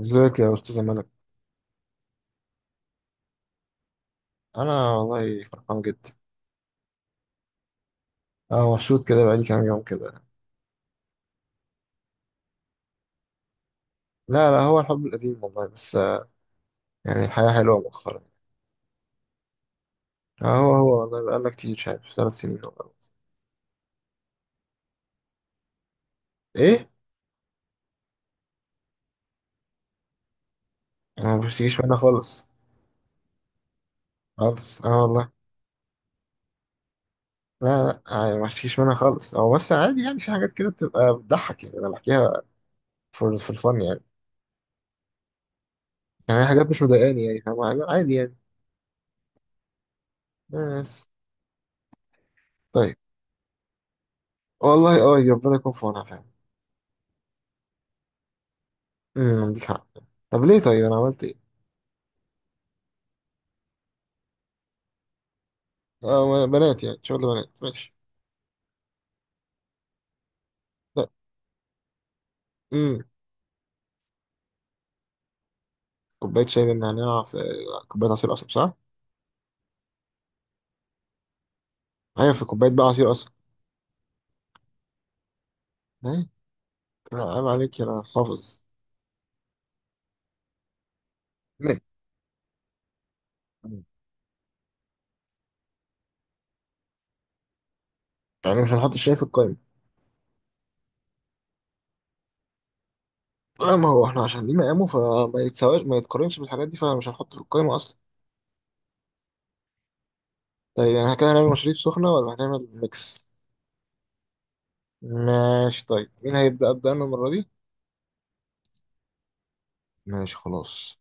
ازيك يا استاذ ملك؟ انا والله فرحان جدا. اه، مبسوط كده بقالي كام يوم كده. لا، لا، هو الحب القديم والله. بس يعني الحياه حلوه مؤخرا. اه، هو هو والله، بقالنا كتير شايف 3 سنين والله. ايه؟ انا ما بشتكيش منها خالص. خالص، اه والله. لا، لا، يعني ما بشتكيش منها خالص. هو بس عادي، يعني في حاجات كده بتبقى بتضحك يعني انا بحكيها في الفن يعني. يعني حاجات مش مضايقاني يعني فاهم، لا، عادي يعني. بس. طيب. والله اه، ربنا يكون في عونها فعلا. عندك حق. طب ليه؟ طيب انا عملت ايه؟ آه، بنات يعني شغل بنات ماشي. لا. امم. كوباية شاي بالنعناع، في كوباية عصير قصب صح؟ أيوة، في كوباية بقى عصير قصب. إيه؟ لا عيب عليك، أنا حافظ. ليه؟ يعني مش هنحط الشاي في القايمة. آه، ما هو احنا عشان ليه مقامه، فما يتساواش، ما يتقارنش بالحاجات دي، فمش هنحطه في القايمة أصلا. طيب، يعني كده هنعمل مشاريب سخنة ولا هنعمل ميكس؟ ماشي. طيب مين هيبدأ؟ أبدأ أنا المرة دي؟ ماشي خلاص.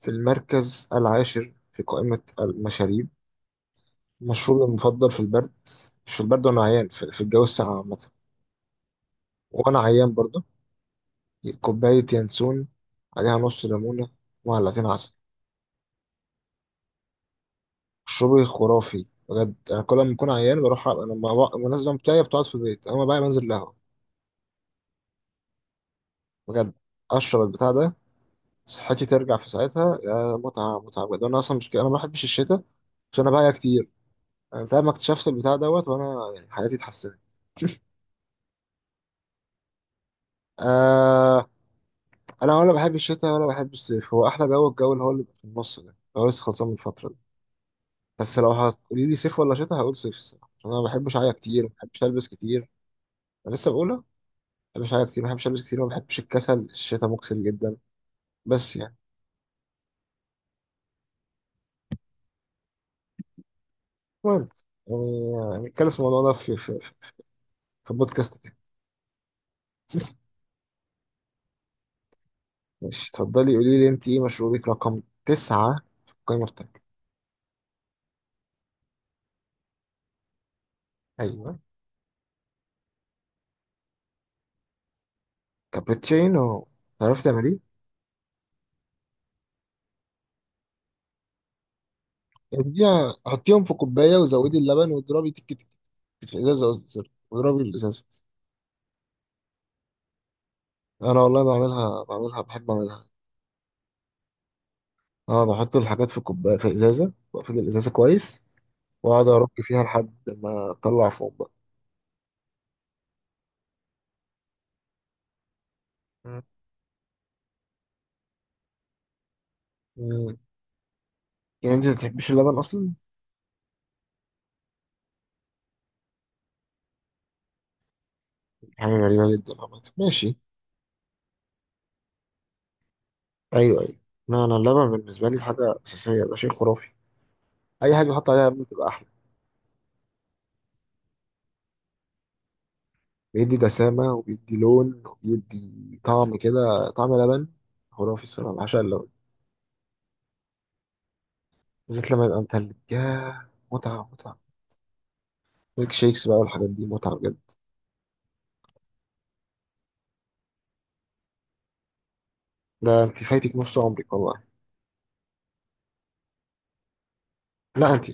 في المركز العاشر في قائمة المشاريب، مشروبي المفضل في البرد. مش في البرد وانا عيان، في الجو الساقع عامة. وانا عيان برضه. كوباية ينسون، عليها نص ليمونة ومعلقتين عسل. مشروبي خرافي بجد، انا كل ما بكون عيان بروح لما الناس دي بتاعي بتقعد في البيت اما بقى بنزل القهوة. بجد، اشرب البتاع ده صحتي ترجع في ساعتها. يا متعة متعة بجد، انا اصلا مش كده، انا ما بحبش الشتاء عشان انا بقى كتير. انا لما اكتشفت البتاع دوت وانا يعني حياتي اتحسنت. آه، انا ولا بحب الشتاء ولا بحب الصيف، هو احلى جو الجو اللي هو اللي بيبقى في النص ده، هو لسه خلصان من الفتره دي. بس لو هتقولي لي صيف ولا شتاء، هقول صيف الصراحه، عشان انا ما بحبش اعيا كتير، ما بحبش البس كتير. انا لسه بقولها، ما بحبش اعيا كتير، ما بحبش البس كتير، ما بحبش الكسل، الشتاء مكسل جدا. بس يعني. المهم، يعني هنتكلم في الموضوع ده في البودكاست تاني. ماشي، اتفضلي قولي لي، انت ايه مشروبك رقم 9 في القائمه بتاعتك؟ ايوه، كابتشينو. تعرفي تعمليه؟ اديها حطيهم في كوبايه وزودي اللبن واضربي تك تك تك في ازازه، قصدي سوري، واضربي الازازه. انا والله بعملها، بحب اعملها. اه، بحط الحاجات في كوبايه في ازازه واقفل الازازه كويس، واقعد ارك فيها لحد ما اطلع فوق بقى. مم. مم. يعني انت ما بتحبش اللبن اصلا. حاجه غريبه جدا عامه، ماشي. ايوه، ايوه. لا، انا اللبن بالنسبه لي حاجه اساسيه، ده شيء خرافي. اي حاجه بحط عليها لبن بتبقى احلى. بيدي دسامه، وبيدي لون، وبيدي طعم، كده طعم لبن. خرافي الصراحه، بعشق اللبن، بالذات لما يبقى متلج. ياه، متعة متعة. ميك شيكس بقى والحاجات دي، متعة بجد. لا، انت فايتك نص عمرك والله. لا انت.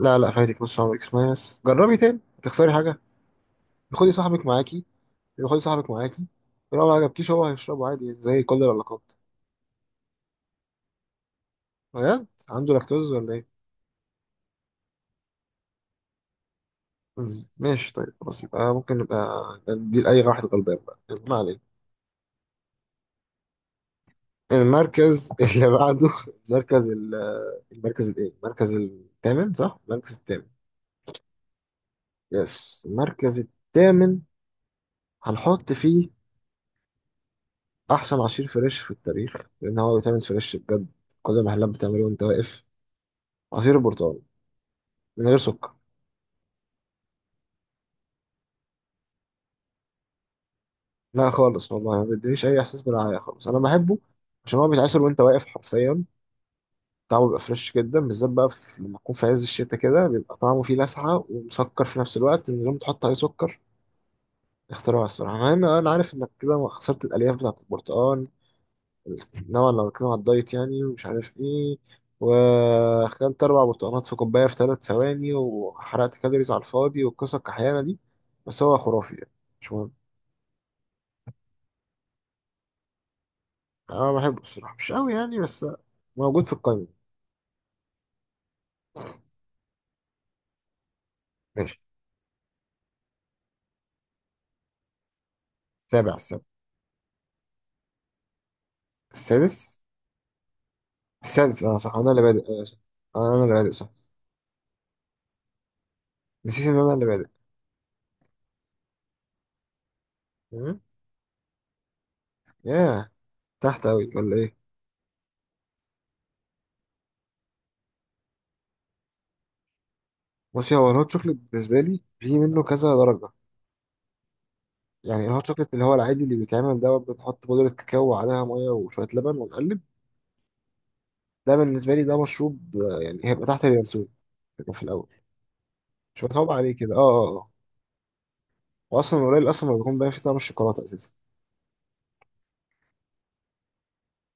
لا، لا، فايتك نص عمرك، اسمعي بس جربي تاني، هتخسري حاجة؟ خدي صاحبك معاكي، خدي صاحبك معاكي، لو ما عجبكيش هو هيشربه عادي زي كل العلاقات. بجد، عنده لاكتوز ولا ايه؟ مم. ماشي، طيب، خلاص يبقى ممكن نبقى ندي لأي واحد غلبان بقى، يلا، ما علينا. المركز اللي بعده، المركز ال- المركز الايه؟ المركز الثامن صح؟ المركز الثامن. يس، المركز الثامن هنحط فيه احسن عصير فريش في التاريخ، لان هو بيتعمل فريش بجد، كل المحلات بتعمله وانت واقف، عصير البرتقال، من غير سكر. لا خالص والله، ما بيدينيش اي احساس بالرعاية خالص، انا بحبه عشان هو بيتعصر وانت واقف حرفيا، طعمه بيبقى فريش جدا، بالذات بقى في لما تكون في عز الشتاء كده، بيبقى طعمه فيه لسعة ومسكر في نفس الوقت من غير ما تحط عليه سكر. اختراع الصراحة، مع ان انا عارف انك كده خسرت الالياف بتاعت البرتقال نوعا، لو بتكلم على الدايت يعني، ومش عارف ايه، واكلت 4 برتقانات في كوبايه في 3 ثواني، وحرقت كالوريز على الفاضي والقصه الكحيانه دي. بس هو خرافي يعني، مش مهم. انا بحبه الصراحه مش قوي يعني، بس موجود في القائمه. ماشي، السابع. السادس. السادس، انا صح، انا اللي بادئ، أيوة صح. آه، انا اللي بادئ صح. نسيت ان انا اللي بادئ. مم. ياه، تحت قوي ولا ايه؟ بصي، هو الهوت شوكليت بالنسبه لي في منه كذا درجه، يعني الهوت شوكليت اللي هو العادي اللي بيتعمل دوت بنحط بودرة كاكاو وعليها مية وشوية لبن ونقلب، ده بالنسبة لي ده مشروب. يعني هيبقى تحت اليانسون، يبقى في الأول، مش متعوب عليه كده، اه، اه، اه. وأصلا قليل، أصلا ما بيكون باين فيه طعم الشوكولاتة أساسا،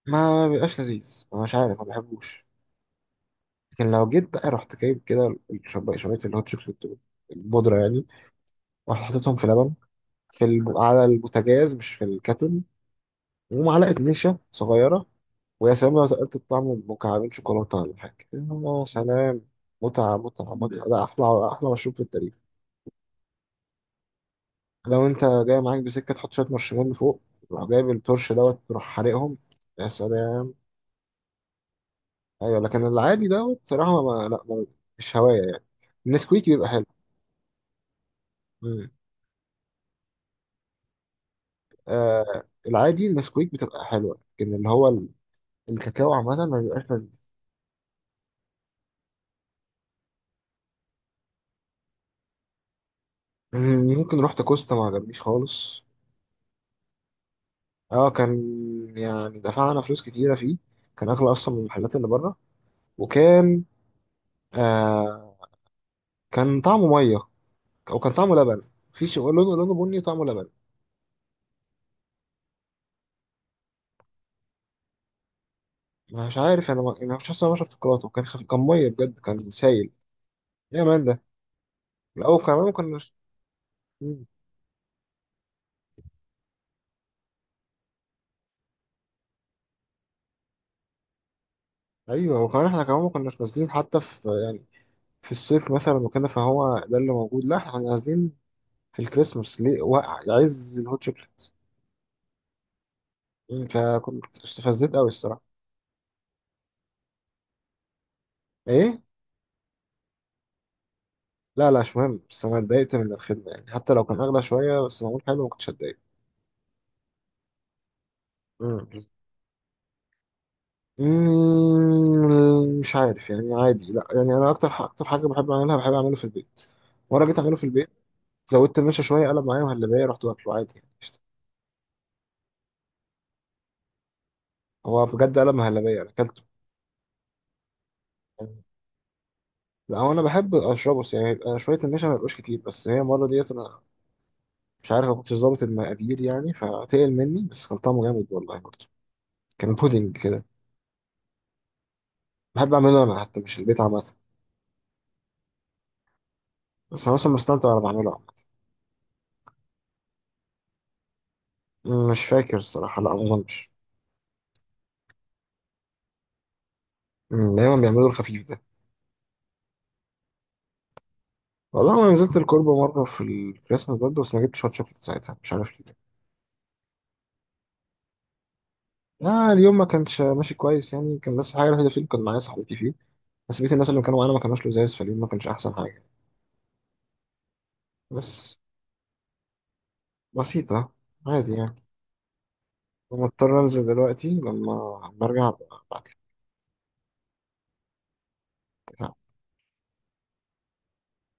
ما بيبقاش لذيذ، أنا مش عارف، ما بحبوش. لكن لو جيت بقى رحت جايب كده شوية شوية الهوت شوكليت دول، البودرة يعني، ورحت حطيتهم في لبن، على البوتاجاز، مش في الكاتل، ومعلقة نشا صغيرة، ويا سلام لو تقلت الطعم، مكعبين شوكولاتة ولا حاجة، يا سلام. متعة متعة متعة، ده أحلى، أحلى مشروب في التاريخ. لو أنت جاي معاك بسكة تحط شوية مارشميلو فوق، تروح جايب التورش دوت تروح حارقهم، يا سلام. أيوة، لكن العادي دوت صراحة ما، مش هواية يعني. النسكويك بيبقى حلو. مم. آه، العادي النسكويك بتبقى حلوة، لكن الكاكاو عامة ما بيبقاش لذيذ. ممكن رحت كوستا ما عجبنيش خالص. اه كان، يعني دفعنا فلوس كتيرة فيه، كان أغلى أصلا من المحلات اللي بره، وكان، آه، كان طعمه مية، أو كان طعمه لبن. في شيء لونه بني وطعمه لبن. مش عارف أنا ما أنا مش عارف، أنا بشرب شوكولاتة وكان كان مية بجد، كان سايل، يا مان ده، أو كمان ما كناش. مم. أيوه، وكمان إحنا كمان ما كناش نازلين حتى في يعني في الصيف مثلا وكده فهو ده اللي موجود، لا إحنا كنا نازلين في الكريسماس، ليه وقع عايز الهوت شوكليت. مم. فكنت استفزت أوي الصراحة. إيه؟ لا، لا، مش مهم، بس انا اتضايقت من الخدمه يعني، حتى لو كان اغلى شويه بس معمول حلو ما كنتش اتضايق. امم. مش عارف يعني، عادي، لا يعني انا اكتر اكتر حاجه بحب اعملها، بحب اعمله في البيت. مره جيت اعمله في البيت، زودت المشا شويه، قلب معايا مهلبيه، رحت واكله عادي يعني قشطة. هو بجد قلب مهلبيه انا اكلته، يعني. لا، هو انا بحب اشربه بس يعني يبقى شويه المشا ما يبقاش كتير، بس هي المره ديت انا مش عارف ما كنتش ظابط المقادير يعني فتقل مني، بس كان طعمه جامد والله برضه، كان بودنج كده. بحب اعمله انا حتى مش البيت عامه. بس أنا مثلا بستمتع وأنا بعمله. عامة. مش فاكر الصراحة، لا ما أظنش. دايما بيعملوا الخفيف ده. والله أنا نزلت الكوربة مرة في الكريسماس برضه بس ما جبتش هوت شوكليت ساعتها مش عارف ليه. لا، اليوم ما كانش ماشي كويس يعني، كان بس الحاجة الوحيدة فيه اللي كان معايا صاحبتي فيه، بس بقية الناس اللي كانوا معانا ما كانوش لزاز، فاليوم ما كانش أحسن حاجة. بس. بسيطة، عادي يعني. مضطر أنزل دلوقتي لما برجع أبعتلك.